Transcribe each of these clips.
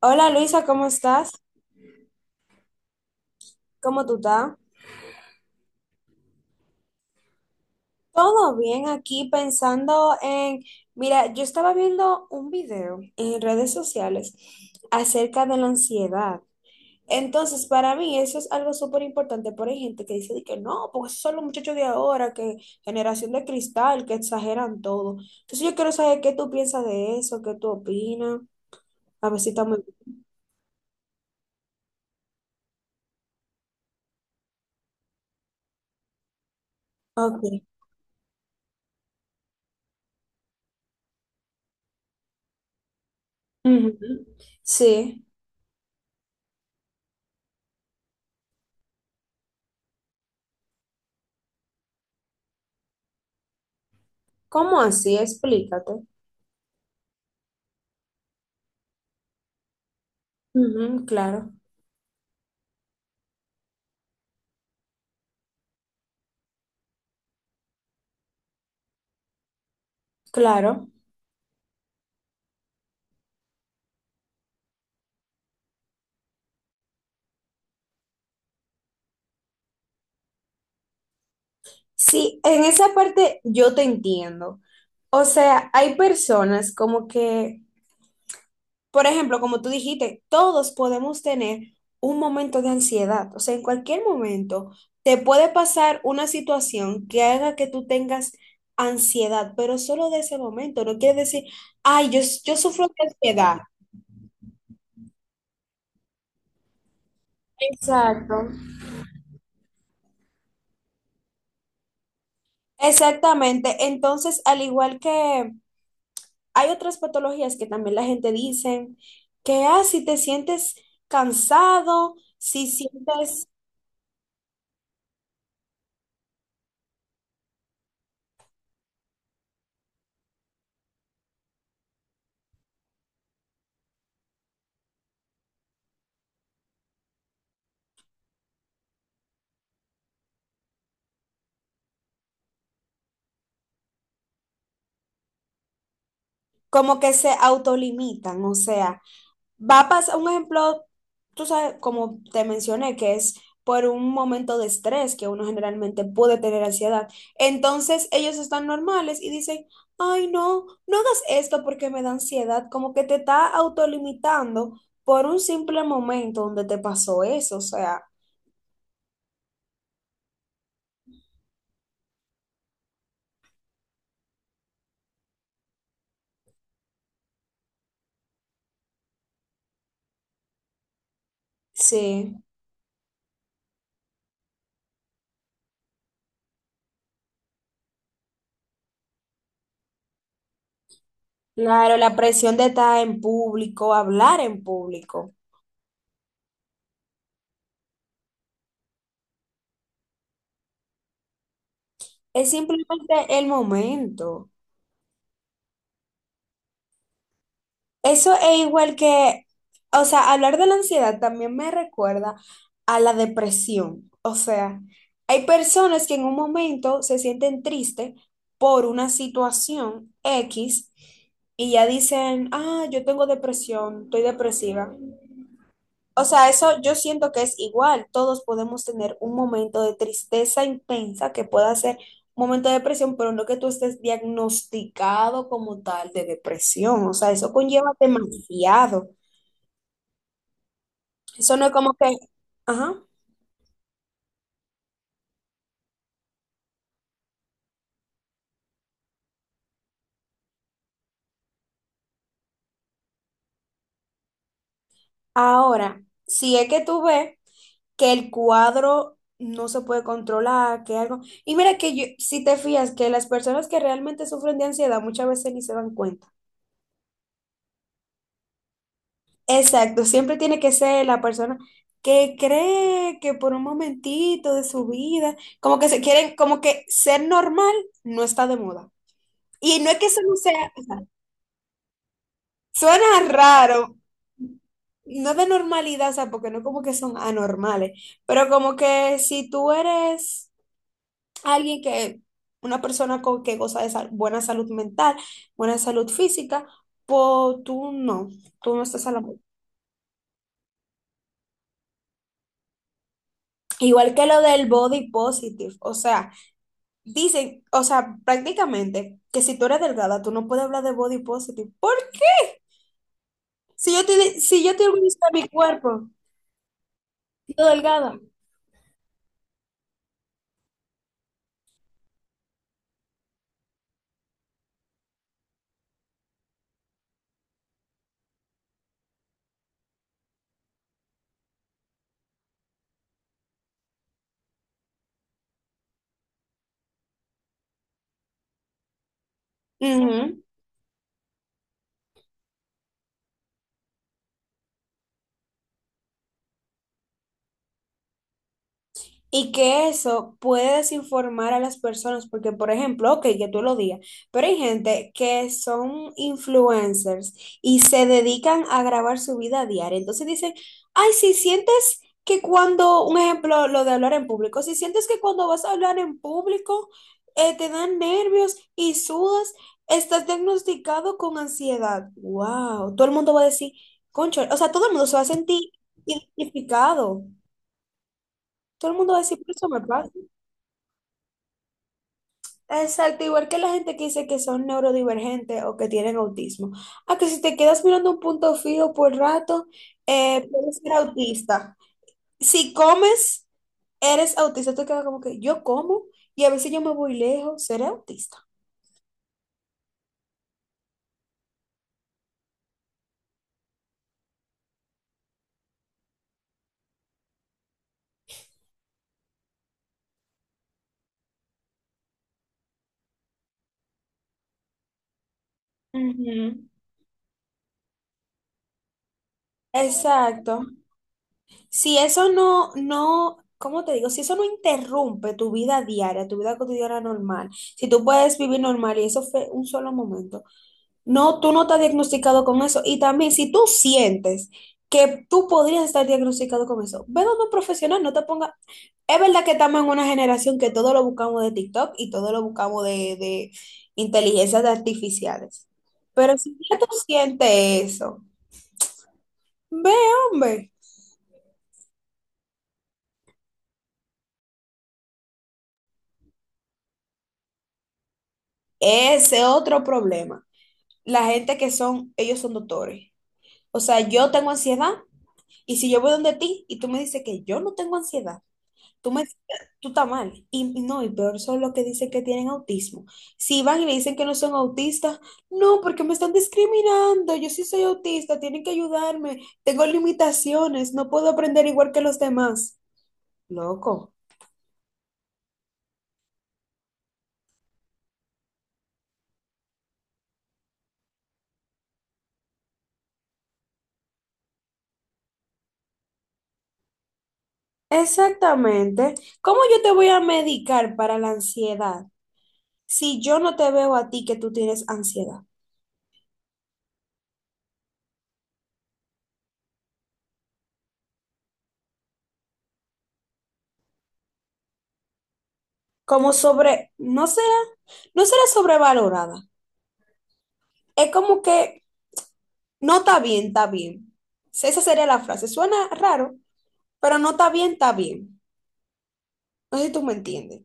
Hola, Luisa, ¿cómo estás? ¿Cómo tú estás? Todo bien, aquí pensando en, mira, yo estaba viendo un video en redes sociales acerca de la ansiedad. Entonces, para mí eso es algo súper importante, porque hay gente que dice de que no, porque esos son los muchachos de ahora, que generación de cristal, que exageran todo. Entonces, yo quiero saber qué tú piensas de eso, qué tú opinas, a ver si estamos muy... Ok. Ujú. Sí. ¿Cómo así? Explícate. Ujú, claro, claro. Sí, en esa parte yo te entiendo. O sea, hay personas como que, por ejemplo, como tú dijiste, todos podemos tener un momento de ansiedad. O sea, en cualquier momento te puede pasar una situación que haga que tú tengas ansiedad, pero solo de ese momento. No quiere decir, ay, yo sufro de ansiedad. Exacto. Exactamente. Entonces, al igual que hay otras patologías que también la gente dice que, ah, si te sientes cansado, si sientes como que se autolimitan, o sea, va a pasar un ejemplo, tú sabes, como te mencioné, que es por un momento de estrés que uno generalmente puede tener ansiedad. Entonces ellos están normales y dicen, ay, no, no hagas esto porque me da ansiedad, como que te está autolimitando por un simple momento donde te pasó eso, o sea, sí. Claro, la presión de estar en público, hablar en público, es simplemente el momento. Eso es igual que, o sea, hablar de la ansiedad también me recuerda a la depresión. O sea, hay personas que en un momento se sienten tristes por una situación X y ya dicen, ah, yo tengo depresión, estoy depresiva. O sea, eso yo siento que es igual. Todos podemos tener un momento de tristeza intensa que pueda ser un momento de depresión, pero no que tú estés diagnosticado como tal de depresión. O sea, eso conlleva demasiado. Eso no es como que, ajá. Ahora, si es que tú ves que el cuadro no se puede controlar, que algo. Y mira que yo, si te fías que las personas que realmente sufren de ansiedad muchas veces ni se dan cuenta. Exacto, siempre tiene que ser la persona que cree que por un momentito de su vida, como que se quieren, como que ser normal no está de moda. Y no es que eso no sea, o sea, suena raro, no de normalidad, o sea, porque no como que son anormales, pero como que si tú eres alguien que, una persona con, que goza de sal- buena salud mental, buena salud física, pues tú no estás a la moda. Igual que lo del body positive, o sea, dicen, o sea, prácticamente que si tú eres delgada, tú no puedes hablar de body positive. ¿Por qué? Si yo te, si yo te organizo mi cuerpo, siendo delgada. Ujú. Y que eso puede desinformar a las personas, porque por ejemplo, ok, que tú lo digas, pero hay gente que son influencers y se dedican a grabar su vida diaria. Entonces dicen, ay, si sientes que cuando, un ejemplo, lo de hablar en público, si sientes que cuando vas a hablar en público te dan nervios y sudas, estás diagnosticado con ansiedad. ¡Wow! Todo el mundo va a decir, concho, o sea, todo el mundo se va a sentir identificado. Todo el mundo va a decir, "Pero eso me pasa". Exacto, igual que la gente que dice que son neurodivergentes o que tienen autismo. Ah, que si te quedas mirando un punto fijo por rato, puedes ser autista. Si comes, eres autista. Tú quedas como que yo como y a veces yo me voy lejos, seré autista. Ujú. Exacto. Si eso no, no, ¿cómo te digo? Si eso no interrumpe tu vida diaria, tu vida cotidiana normal, si tú puedes vivir normal y eso fue un solo momento, no, tú no estás diagnosticado con eso. Y también, si tú sientes que tú podrías estar diagnosticado con eso, ve donde un profesional, no te ponga. Es verdad que estamos en una generación que todo lo buscamos de TikTok y todo lo buscamos de inteligencias artificiales. Pero si ya tú sientes eso, ve, hombre, ese otro problema. La gente que son, ellos son doctores. O sea, yo tengo ansiedad y si yo voy donde ti y tú me dices que yo no tengo ansiedad, tú me, tú estás mal. Y no, y peor son los que dicen que tienen autismo. Si van y le dicen que no son autistas, no, porque me están discriminando. Yo sí soy autista, tienen que ayudarme. Tengo limitaciones, no puedo aprender igual que los demás. Loco. Exactamente. ¿Cómo yo te voy a medicar para la ansiedad si yo no te veo a ti que tú tienes ansiedad? Como sobre, no será, no será sobrevalorada. Es como que no está bien, está bien. Esa sería la frase. Suena raro, pero no está bien, está bien. No sé si tú me entiendes.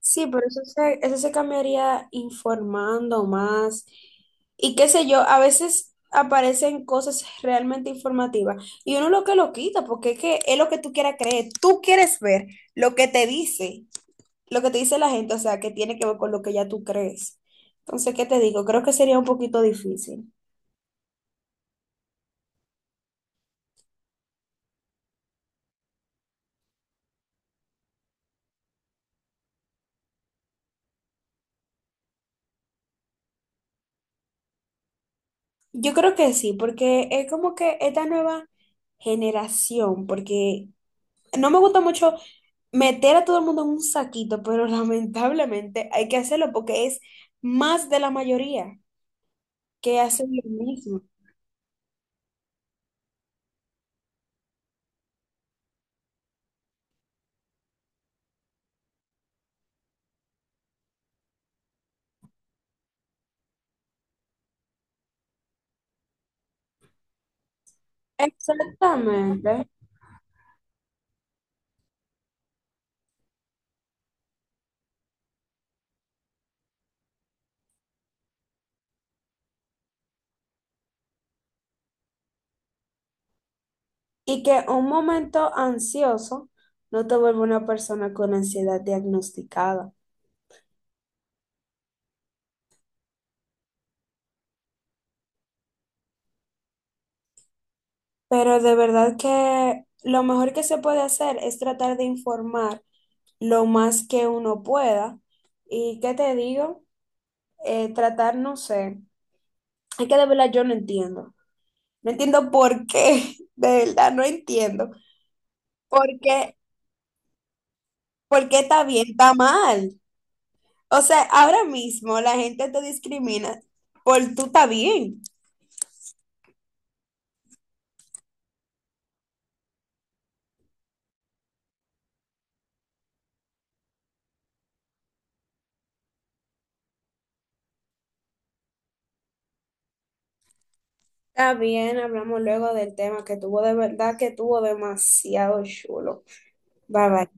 Sí, pero eso se cambiaría informando más. Y qué sé yo, a veces aparecen cosas realmente informativas y uno lo que lo quita, porque es que es lo que tú quieras creer. Tú quieres ver lo que te dice, lo que te dice la gente, o sea, que tiene que ver con lo que ya tú crees. Entonces, ¿qué te digo? Creo que sería un poquito difícil. Yo creo que sí, porque es como que esta nueva generación, porque no me gusta mucho meter a todo el mundo en un saquito, pero lamentablemente hay que hacerlo porque es más de la mayoría que hacen lo mismo. Exactamente. Y que un momento ansioso no te vuelve una persona con ansiedad diagnosticada. Pero de verdad que lo mejor que se puede hacer es tratar de informar lo más que uno pueda. ¿Y qué te digo? Tratar, no sé, es que de verdad yo no entiendo. No entiendo por qué, de verdad no entiendo. ¿Por qué, por qué está bien, está mal? O sea, ahora mismo la gente te discrimina por tú está bien. Está bien, hablamos luego del tema que tuvo de verdad que tuvo demasiado chulo. Bye bye.